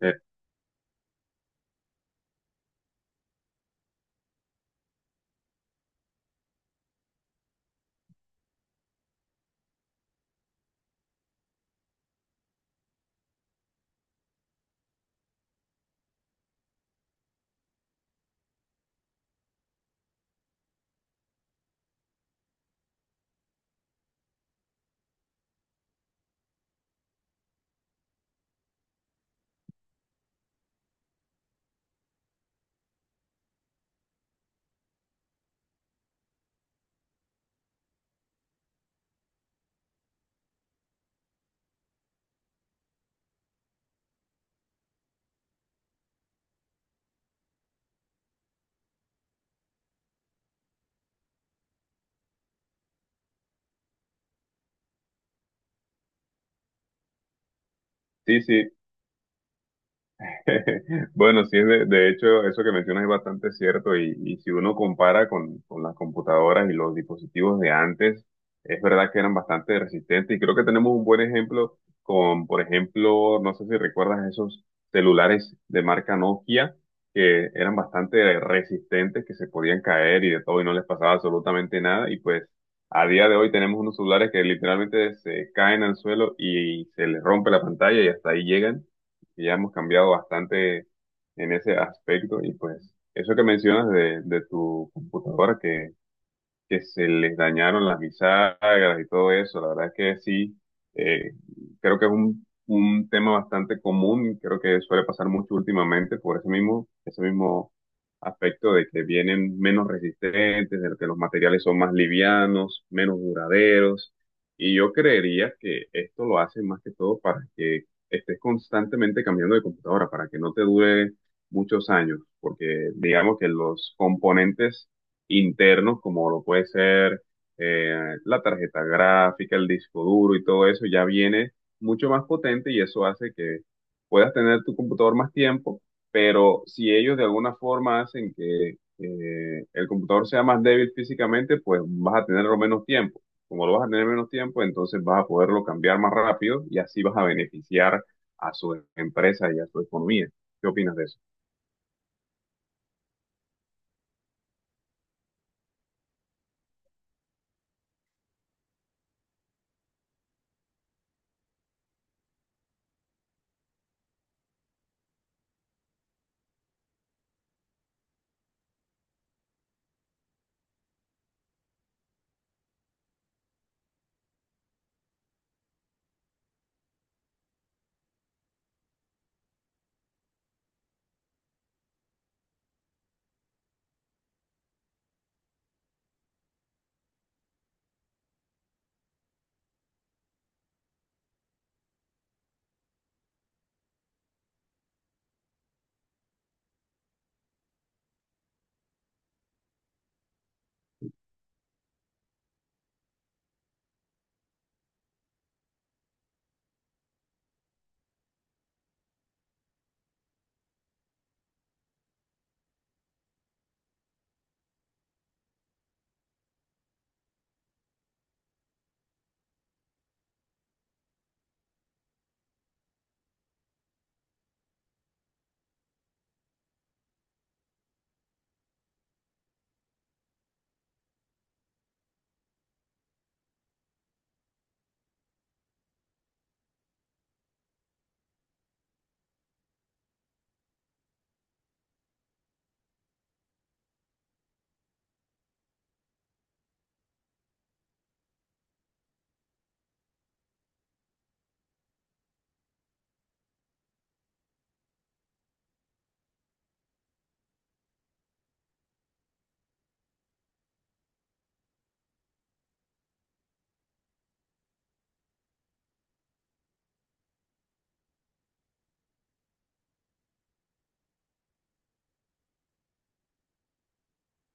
Eh, sí, sí. Bueno, sí, de hecho, eso que mencionas es bastante cierto y si uno compara con las computadoras y los dispositivos de antes, es verdad que eran bastante resistentes y creo que tenemos un buen ejemplo con, por ejemplo, no sé si recuerdas esos celulares de marca Nokia que eran bastante resistentes, que se podían caer y de todo y no les pasaba absolutamente nada y pues a día de hoy tenemos unos celulares que literalmente se caen al suelo y se les rompe la pantalla y hasta ahí llegan. Y ya hemos cambiado bastante en ese aspecto y pues eso que mencionas de tu computadora que se les dañaron las bisagras y todo eso. La verdad es que sí, eh, creo que es un tema bastante común, y creo que suele pasar mucho últimamente por ese mismo aspecto de que vienen menos resistentes, de que los materiales son más livianos, menos duraderos. Y yo creería que esto lo hacen más que todo para que estés constantemente cambiando de computadora, para que no te dure muchos años, porque digamos que los componentes internos, como lo puede ser eh, la tarjeta gráfica, el disco duro y todo eso, ya viene mucho más potente y eso hace que puedas tener tu computador más tiempo, pero si ellos de alguna forma hacen que el computador sea más débil físicamente, pues vas a tenerlo menos tiempo. Como lo vas a tener menos tiempo, entonces vas a poderlo cambiar más rápido y así vas a beneficiar a su empresa y a su economía. ¿Qué opinas de eso?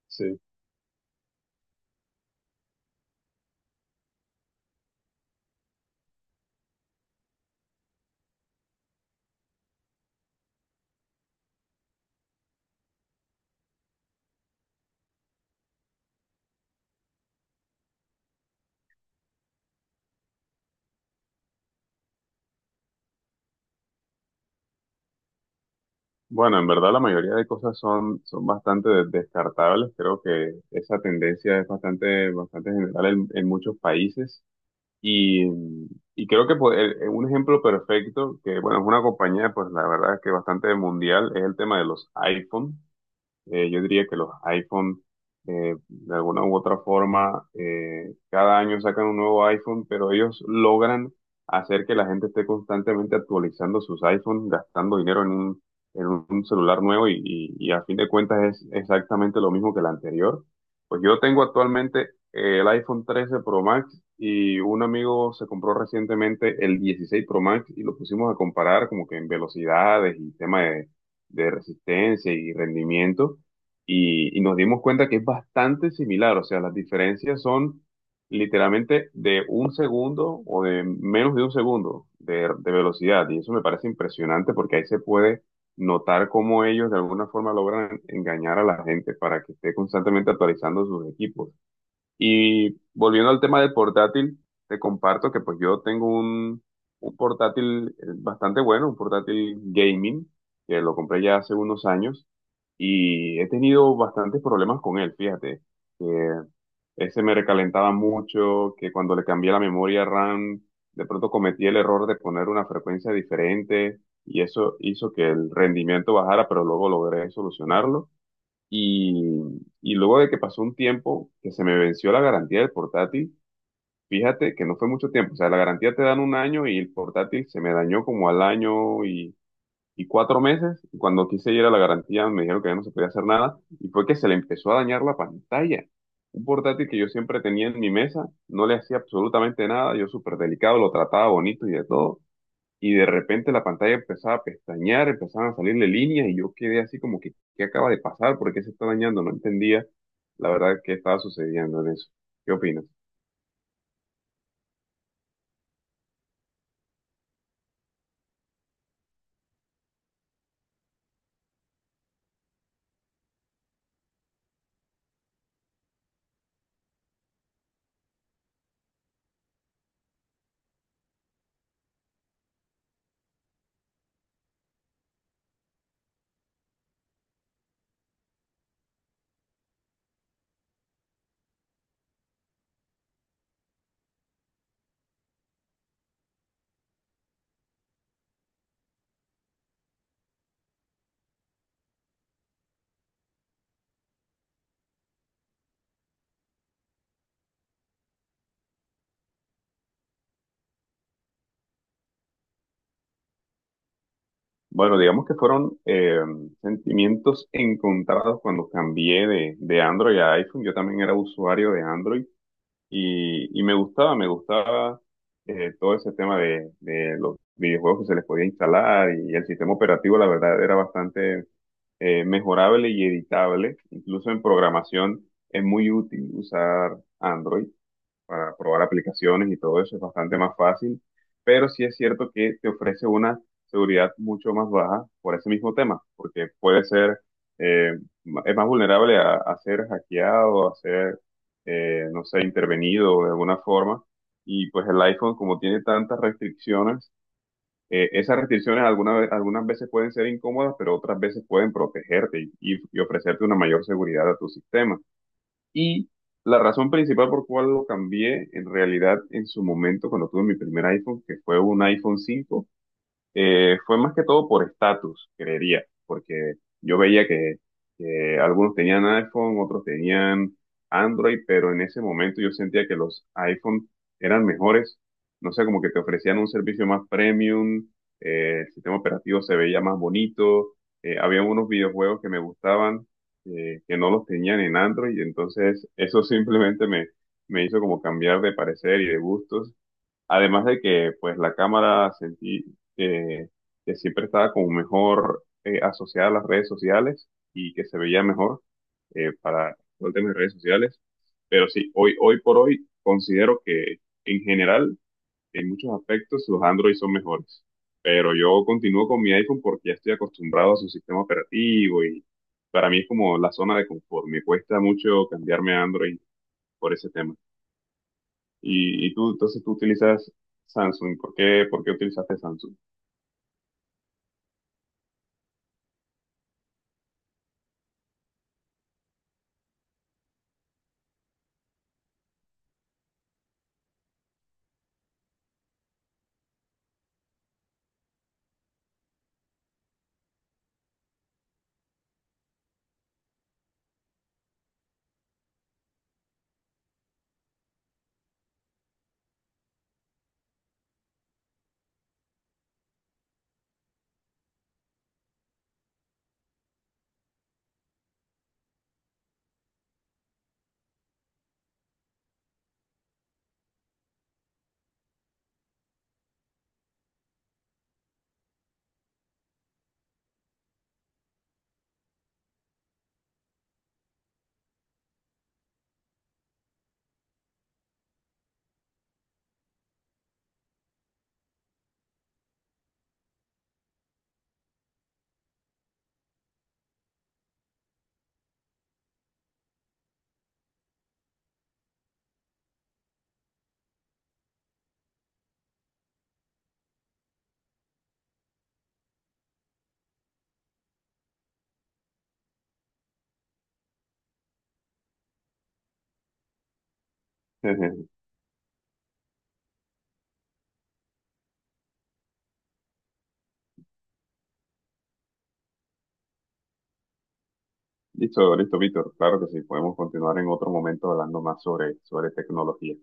Sí. Bueno, en verdad la mayoría de cosas son bastante de- descartables. Creo que esa tendencia es bastante, bastante general en muchos países. Y, y creo que pues, un ejemplo perfecto, que bueno, es una compañía, pues la verdad es que bastante mundial, es el tema de los iPhone. Yo diría que los iPhone, de alguna u otra forma, cada año sacan un nuevo iPhone, pero ellos logran hacer que la gente esté constantemente actualizando sus iPhones, gastando dinero en un celular nuevo y, y a fin de cuentas es exactamente lo mismo que el anterior. Pues yo tengo actualmente el iPhone 13 Pro Max y un amigo se compró recientemente el 16 Pro Max y lo pusimos a comparar como que en velocidades y tema de resistencia y rendimiento y nos dimos cuenta que es bastante similar, o sea, las diferencias son literalmente de un segundo o de menos de un segundo de velocidad y eso me parece impresionante porque ahí se puede notar cómo ellos de alguna forma logran engañar a la gente para que esté constantemente actualizando sus equipos. Y volviendo al tema del portátil, te comparto que pues yo tengo un portátil bastante bueno, un portátil gaming, que lo compré ya hace unos años y he tenido bastantes problemas con él, fíjate, que ese me recalentaba mucho, que cuando le cambié la memoria RAM, de pronto cometí el error de poner una frecuencia diferente y eso hizo que el rendimiento bajara, pero luego logré solucionarlo. Y, y luego de que pasó un tiempo que se me venció la garantía del portátil, fíjate que no fue mucho tiempo, o sea, la garantía te dan un año y el portátil se me dañó como al año y cuatro meses, y cuando quise ir a la garantía me dijeron que ya no se podía hacer nada, y fue que se le empezó a dañar la pantalla. Un portátil que yo siempre tenía en mi mesa, no le hacía absolutamente nada, yo súper delicado, lo trataba bonito y de todo, y de repente la pantalla empezaba a pestañear, empezaban a salirle líneas y yo quedé así como que, ¿qué acaba de pasar? ¿Por qué se está dañando? No entendía la verdad qué estaba sucediendo en eso. ¿Qué opinas? Bueno, digamos que fueron sentimientos encontrados cuando cambié de Android a iPhone. Yo también era usuario de Android y me gustaba todo ese tema de los videojuegos que se les podía instalar y el sistema operativo, la verdad, era bastante mejorable y editable. Incluso en programación es muy útil usar Android para probar aplicaciones y todo eso es bastante más fácil, pero sí es cierto que te ofrece una seguridad mucho más baja por ese mismo tema, porque puede ser, eh, es más vulnerable a ser hackeado, a ser, no sé, intervenido de alguna forma, y pues el iPhone como tiene tantas restricciones, esas restricciones algunas veces pueden ser incómodas, pero otras veces pueden protegerte y y ofrecerte una mayor seguridad a tu sistema. Y la razón principal por cual lo cambié, en realidad, en su momento, cuando tuve mi primer iPhone, que fue un iPhone 5, fue más que todo por estatus, creería, porque yo veía que algunos tenían iPhone, otros tenían Android, pero en ese momento yo sentía que los iPhone eran mejores, no sé, como que te ofrecían un servicio más premium, el sistema operativo se veía más bonito, había unos videojuegos que me gustaban que no los tenían en Android, entonces eso simplemente me hizo como cambiar de parecer y de gustos. Además de que, pues, la cámara sentí eh, que siempre estaba como mejor asociada a las redes sociales y que se veía mejor para todo el tema de redes sociales. Pero sí, hoy, hoy por hoy considero que en general, en muchos aspectos, los Android son mejores. Pero yo continúo con mi iPhone porque ya estoy acostumbrado a su sistema operativo y para mí es como la zona de confort. Me cuesta mucho cambiarme a Android por ese tema. Entonces tú utilizas Samsung. Por qué utilizaste Samsung? Listo, listo, Víctor. Claro que sí. Podemos continuar en otro momento hablando más sobre, sobre tecnología.